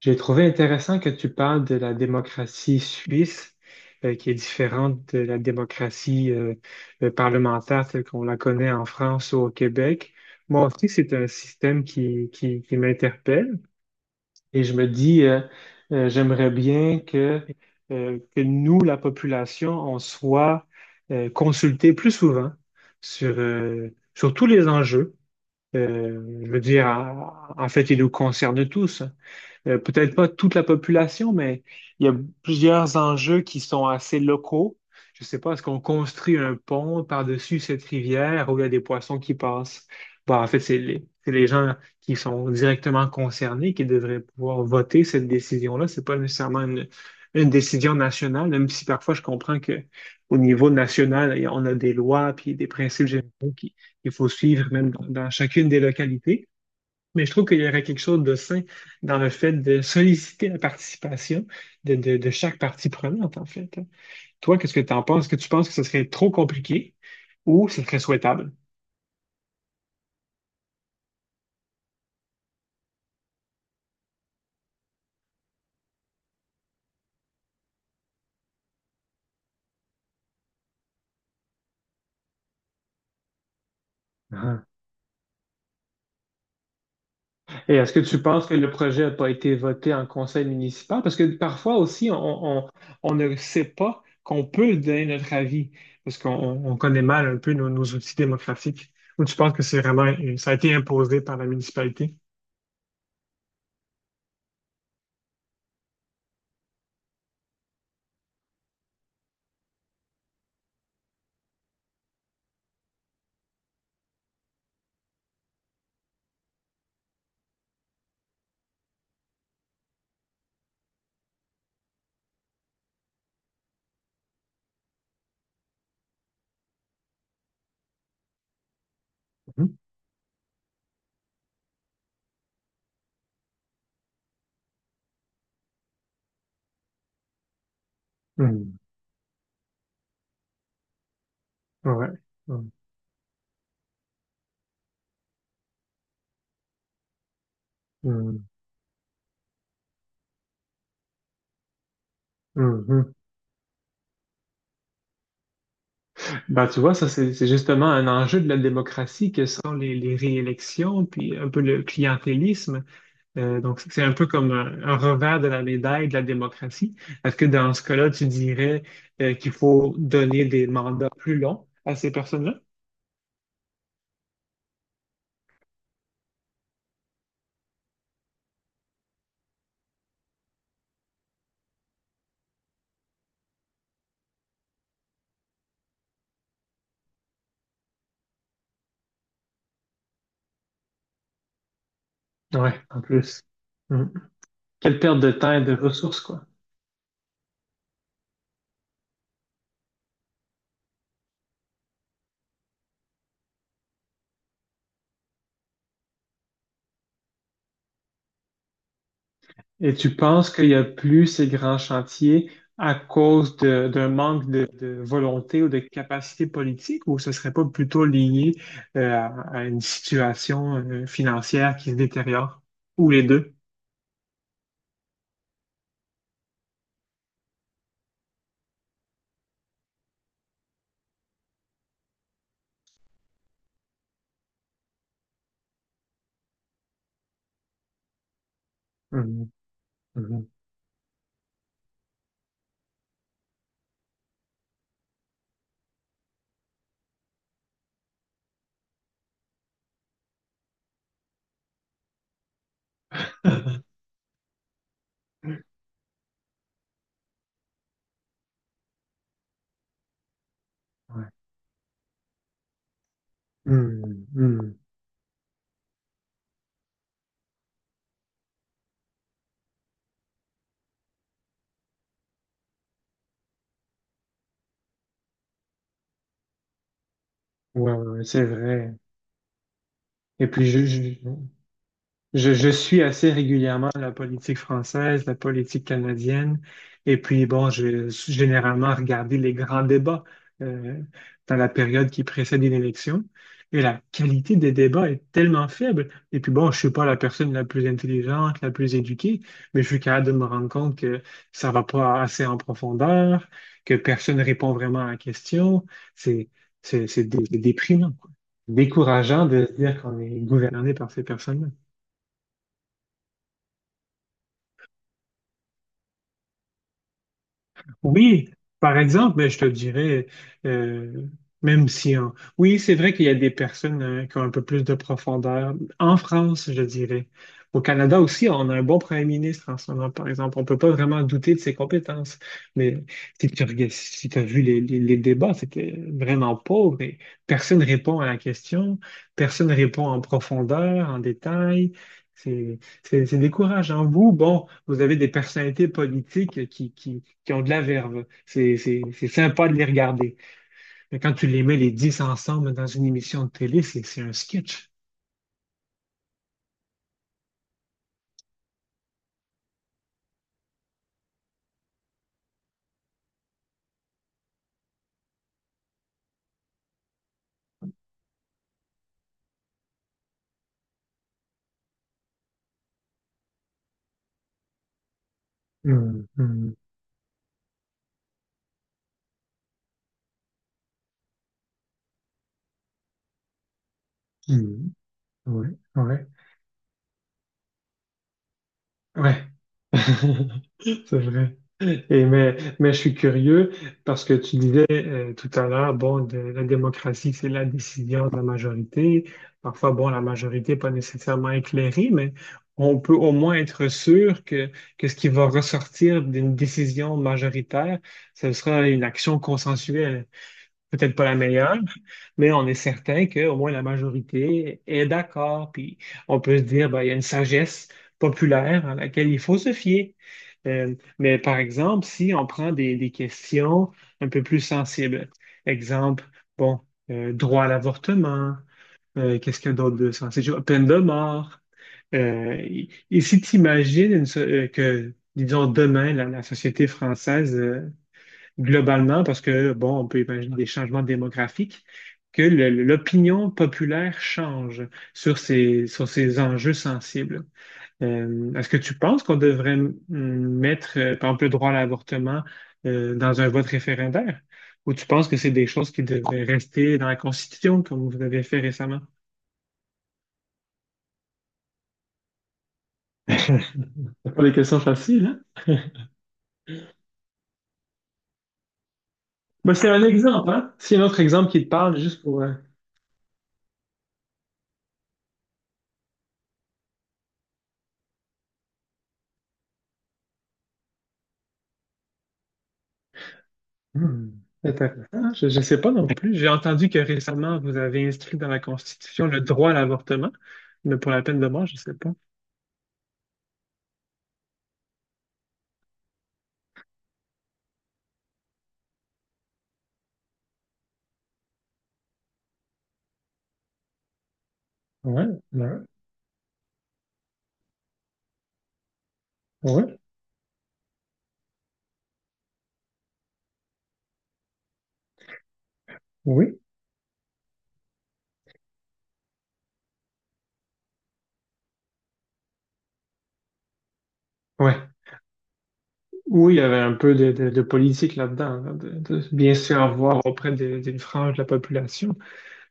J'ai trouvé intéressant que tu parles de la démocratie suisse, qui est différente de la démocratie parlementaire telle qu'on la connaît en France ou au Québec. Moi aussi, c'est un système qui m'interpelle et je me dis, j'aimerais bien que nous, la population, on soit consultés plus souvent sur tous les enjeux. Je veux dire, en fait, ils nous concernent tous, peut-être pas toute la population, mais il y a plusieurs enjeux qui sont assez locaux. Je ne sais pas, est-ce qu'on construit un pont par-dessus cette rivière où il y a des poissons qui passent? Bon, en fait, c'est les gens qui sont directement concernés qui devraient pouvoir voter cette décision-là. C'est pas nécessairement une décision nationale, même si parfois je comprends que au niveau national, on a des lois puis des principes généraux qu'il faut suivre même dans chacune des localités. Mais je trouve qu'il y aurait quelque chose de sain dans le fait de solliciter la participation de chaque partie prenante, en fait. Toi, qu'est-ce que tu en penses? Est-ce que tu penses que ce serait trop compliqué ou ce serait souhaitable? Ah. Et est-ce que tu penses que le projet n'a pas été voté en conseil municipal? Parce que parfois aussi, on ne sait pas qu'on peut donner notre avis, parce qu'on on connaît mal un peu nos outils démocratiques. Ou tu penses que c'est vraiment, ça a été imposé par la municipalité? Mhm. Mhm. Ouais. Mhm. Mhm. Ben, tu vois, ça, c'est justement un enjeu de la démocratie que sont les réélections, puis un peu le clientélisme. Donc, c'est un peu comme un revers de la médaille de la démocratie. Est-ce que dans ce cas-là, tu dirais qu'il faut donner des mandats plus longs à ces personnes-là? Ouais, en plus. Mhm. Quelle perte de temps et de ressources, quoi. Et tu penses qu'il n'y a plus ces grands chantiers à cause d'un manque de volonté ou de capacité politique, ou ce serait pas plutôt lié euh, à, à une situation financière qui se détériore, ou les deux? Mhm, mhm. Ouais. Hmm, hmm. Ouais, ouais, ouais, c'est vrai. Et puis, je suis assez régulièrement la politique française, la politique canadienne, et puis bon, je généralement regardé les grands débats euh, dans la période qui précède une élection, et la qualité des débats est tellement faible. Et puis bon, je suis pas la personne la plus intelligente, la plus éduquée, mais je suis capable de me rendre compte que ça va pas assez en profondeur, que personne répond vraiment à la question. C'est déprimant, quoi. Décourageant de se dire qu'on est gouverné par ces personnes-là. Oui, par exemple, mais je te dirais, euh, même si en... oui, c'est vrai qu'il y a des personnes qui ont un peu plus de profondeur. En France, je dirais. Au Canada aussi, on a un bon premier ministre en ce moment, par exemple. On peut pas vraiment douter de ses compétences. Mais si tu as vu les débats, c'était vraiment pauvre et personne répond à la question, personne répond en profondeur, en détail. C'est, c'est décourageant. Vous, bon, vous avez des personnalités politiques qui ont de la verve. C'est sympa de les regarder. Mais quand tu les mets les 10 ensemble dans une émission de télé, c'est un sketch. Hum, hum, hum. Ouais, ouais. Ouais, c'est vrai. Et mais je suis curieux parce que tu disais tout à l'heure, la démocratie, c'est la décision de la majorité. Parfois, bon, la majorité n'est pas nécessairement éclairée, mais on peut au moins être sûr que ce qui va ressortir d'une décision majoritaire, ce sera une action consensuelle, peut-être pas la meilleure, mais on est certain qu'au moins la majorité est d'accord. Puis on peut se dire, ben, il y a une sagesse populaire à laquelle il faut se fier. Mais par exemple, si on prend des questions un peu plus sensibles, exemple, bon, droit à l'avortement, qu'est-ce qu'il y a d'autre de sensible? Peine de mort. Et si tu imagines que, disons, demain, la société française, globalement, parce que, bon, on peut imaginer des changements démographiques, que l'opinion populaire change sur ces enjeux sensibles. Est-ce que tu penses qu'on devrait mettre, par exemple, le droit à l'avortement, dans un vote référendaire? Ou tu penses que c'est des choses qui devraient rester dans la Constitution, comme vous avez fait récemment? C'est pas des questions faciles, hein? Ben, c'est un exemple, hein? C'est un autre exemple qui te parle, juste pour. Hmm. Intéressant. Je ne sais pas non plus. J'ai entendu que récemment, vous avez inscrit dans la Constitution le droit à l'avortement, mais pour la peine de mort, je ne sais pas. Ouais, ouais, ouais, oui. Ouais. Oui, il y avait un peu de politique là-dedans, hein, de bien se faire voir auprès d'une frange de la population.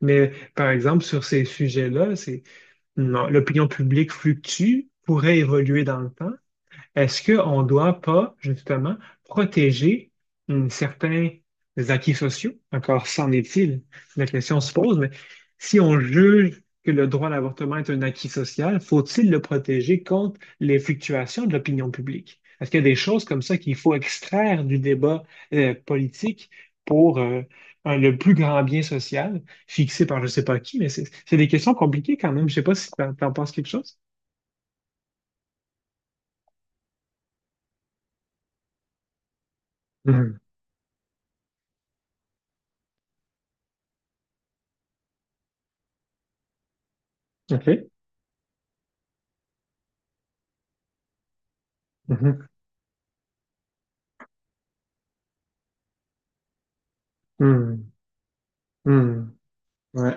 Mais par exemple, sur ces sujets-là, c'est non, l'opinion publique fluctue, pourrait évoluer dans le temps. Est-ce qu'on ne doit pas, justement, protéger, certains acquis sociaux? Encore s'en est-il, la question se pose, mais si on juge que le droit à l'avortement est un acquis social, faut-il le protéger contre les fluctuations de l'opinion publique? Est-ce qu'il y a des choses comme ça qu'il faut extraire du débat politique pour le plus grand bien social fixé par je ne sais pas qui, mais c'est des questions compliquées quand même. Je ne sais pas si tu en penses quelque chose. Mhm. OK. Mhm. Mhm. Hmm, ouais,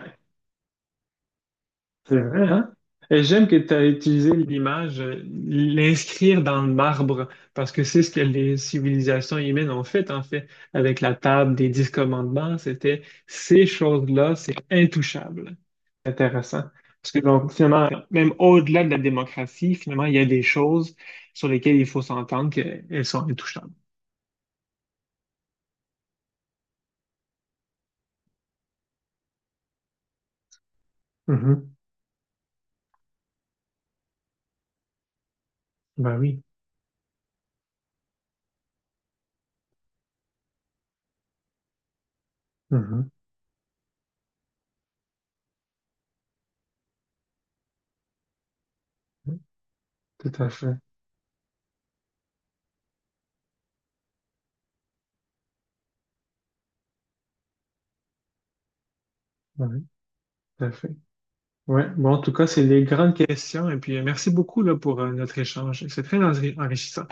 c'est vrai, hein? Et j'aime que tu as utilisé l'image, l'inscrire dans le marbre, parce que c'est ce que les civilisations humaines ont fait, en fait, avec la table des dix commandements, c'était ces choses-là, c'est intouchable. Intéressant. Parce que donc, finalement, même au-delà de la démocratie, finalement, il y a des choses sur lesquelles il faut s'entendre qu'elles sont intouchables. Mhm. Ben oui. Mhm. Tout à fait. Ben oui, tout à fait. Ouais, bon, en tout cas, c'est les grandes questions. Et puis, merci beaucoup là, pour notre échange. C'est très enrichissant.